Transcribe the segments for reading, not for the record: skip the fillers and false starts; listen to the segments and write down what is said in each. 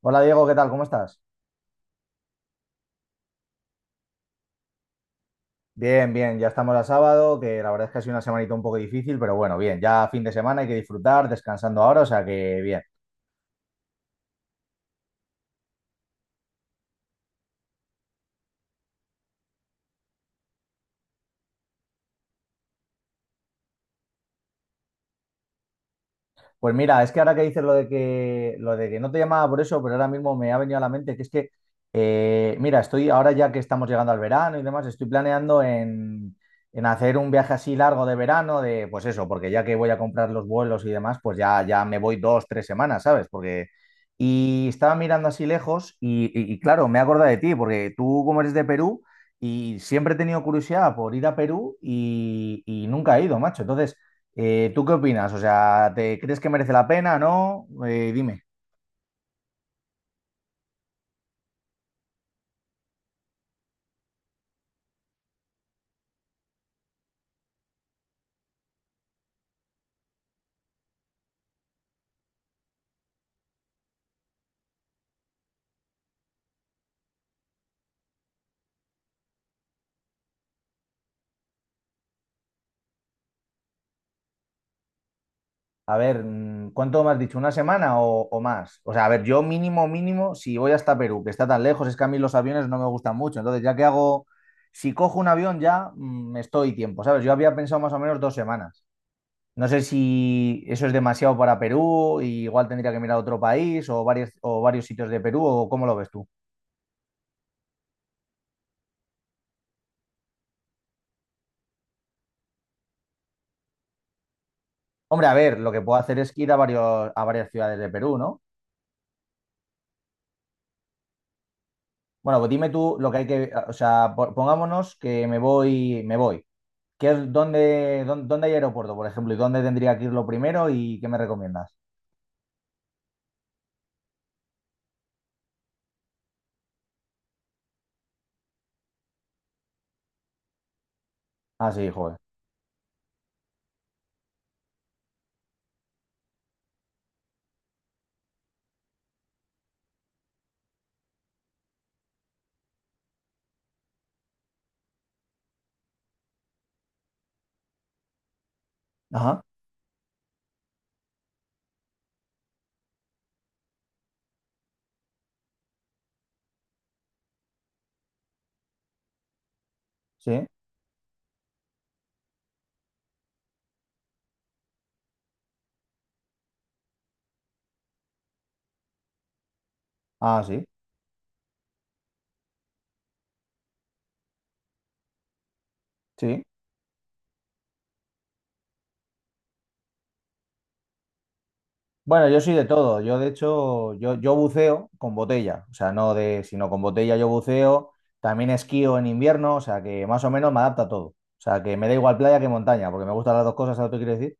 Hola Diego, ¿qué tal? ¿Cómo estás? Bien, bien, ya estamos a sábado, que la verdad es que ha sido una semanita un poco difícil, pero bueno, bien, ya fin de semana hay que disfrutar, descansando ahora, o sea que bien. Pues mira, es que ahora que dices lo de que no te llamaba por eso, pero ahora mismo me ha venido a la mente que es que, mira, estoy ahora ya que estamos llegando al verano y demás, estoy planeando en hacer un viaje así largo de verano, de pues eso, porque ya que voy a comprar los vuelos y demás, pues ya, ya me voy dos, tres semanas, ¿sabes? Porque, y estaba mirando así lejos y claro, me he acordado de ti, porque tú como eres de Perú y siempre he tenido curiosidad por ir a Perú y nunca he ido, macho. Entonces... ¿tú qué opinas? O sea, ¿te crees que merece la pena? ¿No? Dime. A ver, ¿cuánto me has dicho? ¿Una semana o más? O sea, a ver, yo mínimo, mínimo, si voy hasta Perú, que está tan lejos, es que a mí los aviones no me gustan mucho. Entonces, ya que hago, si cojo un avión ya me estoy tiempo, ¿sabes? Yo había pensado más o menos dos semanas. No sé si eso es demasiado para Perú, y igual tendría que mirar otro país o varios sitios de Perú, o cómo lo ves tú. Hombre, a ver, lo que puedo hacer es ir a varios, a varias ciudades de Perú, ¿no? Bueno, pues dime tú lo que hay que, o sea, pongámonos que me voy, me voy. ¿Qué es- dónde, dónde, dónde hay aeropuerto, por ejemplo? ¿Y dónde tendría que ir lo primero y qué me recomiendas? Ah, sí, joder. Ajá, sí. Ah, sí, sí. Bueno, yo soy de todo. Yo, de hecho, yo buceo con botella. O sea, no de, sino con botella yo buceo. También esquío en invierno, o sea, que más o menos me adapta a todo. O sea, que me da igual playa que montaña, porque me gustan las dos cosas, ¿sabes lo que quiero decir?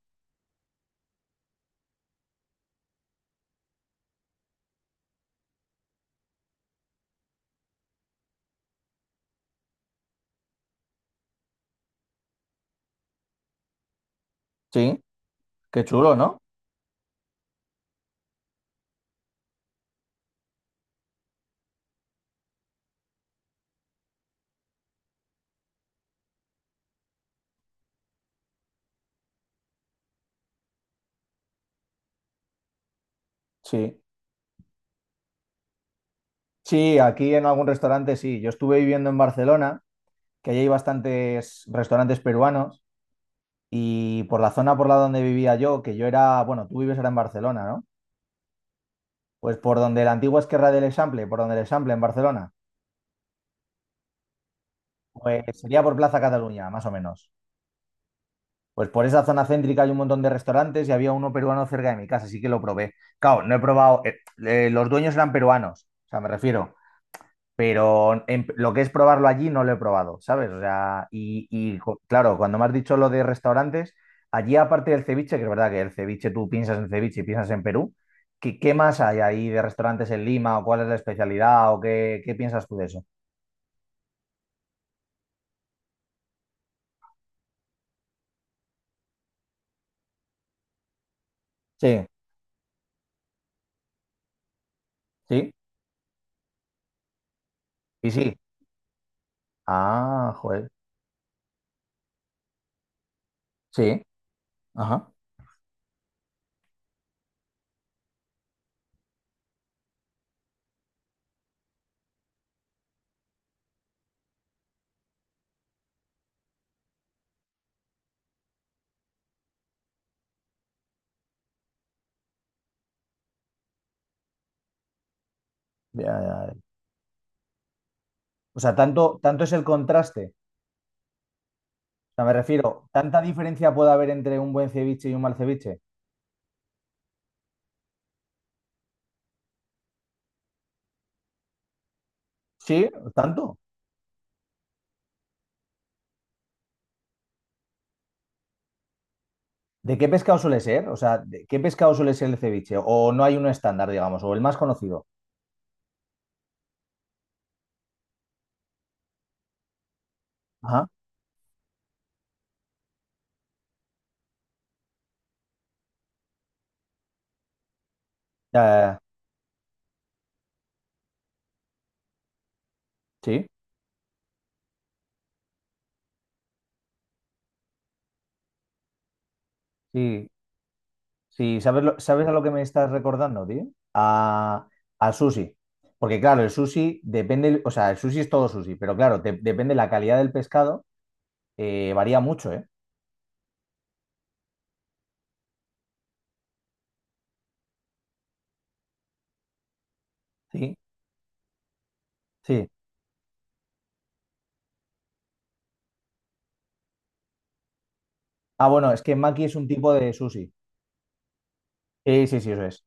Sí, qué chulo, ¿no? Sí. Sí, aquí en algún restaurante sí. Yo estuve viviendo en Barcelona, que allí hay bastantes restaurantes peruanos, y por la zona por la donde vivía yo, que yo era, bueno, tú vives ahora en Barcelona, ¿no? Pues por donde la antigua Esquerra del Example, por donde el Example en Barcelona, pues sería por Plaza Cataluña, más o menos. Pues por esa zona céntrica hay un montón de restaurantes y había uno peruano cerca de mi casa, así que lo probé. Claro, no he probado, los dueños eran peruanos, o sea, me refiero. Pero lo que es probarlo allí no lo he probado, ¿sabes? O sea, claro, cuando me has dicho lo de restaurantes, allí aparte del ceviche, que es verdad que el ceviche, tú piensas en ceviche y piensas en Perú, ¿qué, qué más hay ahí de restaurantes en Lima o cuál es la especialidad o qué, qué piensas tú de eso? Sí, sí, y sí. Ah, joder, sí, ajá. Ya, ya, ya. O sea, tanto, tanto es el contraste. O sea, me refiero, ¿tanta diferencia puede haber entre un buen ceviche y un mal ceviche? Sí, tanto. ¿De qué pescado suele ser? O sea, ¿de ¿qué pescado suele ser el ceviche? ¿O no hay uno estándar, digamos, o el más conocido? Ajá. Ya, sí, sí, sí. ¿Sabes, sabes a lo que me estás recordando, tío? A, al sushi. Porque claro, el sushi depende, o sea, el sushi es todo sushi, pero claro, depende la calidad del pescado, varía mucho, ¿eh? Sí, sí. Ah, bueno, es que maki es un tipo de sushi. Sí, sí, sí, eso es.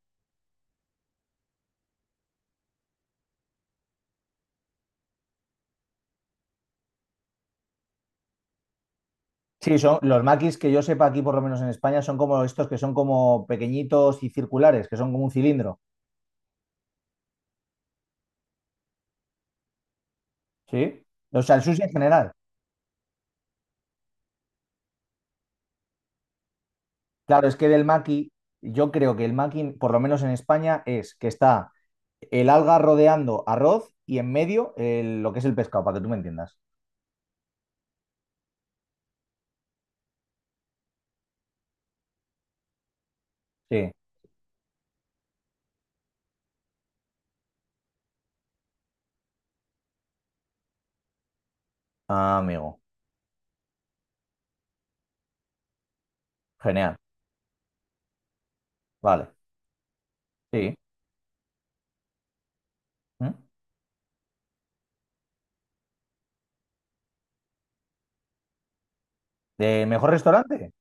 Sí, son los makis que yo sepa aquí, por lo menos en España, son como estos que son como pequeñitos y circulares, que son como un cilindro. Sí. O sea, el sushi en general. Claro, es que del maki, yo creo que el maki, por lo menos en España, es que está el alga rodeando arroz y en medio lo que es el pescado, para que tú me entiendas. Sí. Ah, amigo. Genial. Vale. Sí. ¿Mm? ¿De mejor restaurante?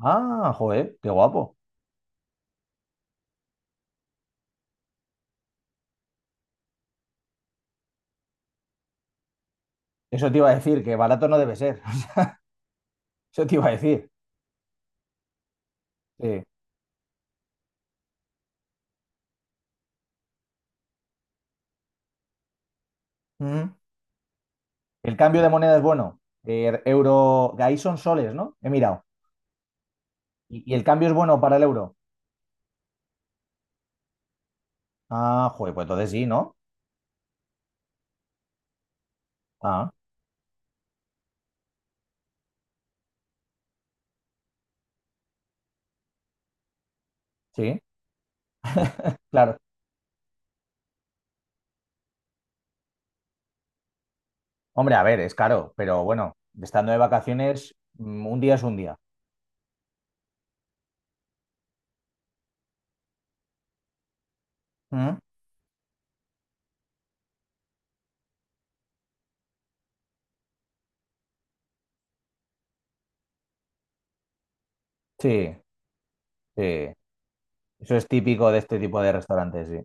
Ah, joder, qué guapo. Eso te iba a decir, que barato no debe ser. Eso te iba a decir. Sí. Mm. ¿El cambio de moneda es bueno? Euro, ahí son soles, ¿no? He mirado. ¿Y el cambio es bueno para el euro? Ah, joder, pues entonces sí, ¿no? Ah, sí, claro. Hombre, a ver, es caro, pero bueno, estando de vacaciones, un día es un día. ¿Mm? Sí, sí. Eso es típico de este tipo de restaurantes, sí.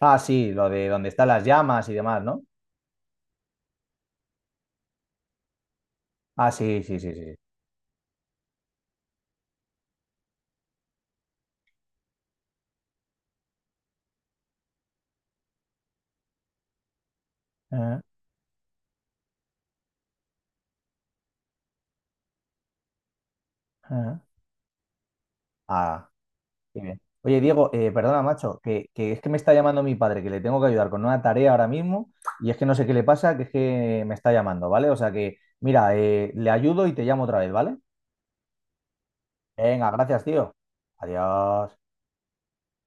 Ah, sí, lo de donde están las llamas y demás, ¿no? Ah, sí, sí, sí, sí. Ah, ah. Ah, qué bien. Oye, Diego, perdona, macho, que es que me está llamando mi padre, que le tengo que ayudar con una tarea ahora mismo, y es que no sé qué le pasa, que es que me está llamando, ¿vale? O sea que, mira, le ayudo y te llamo otra vez, ¿vale? Venga, gracias, tío. Adiós.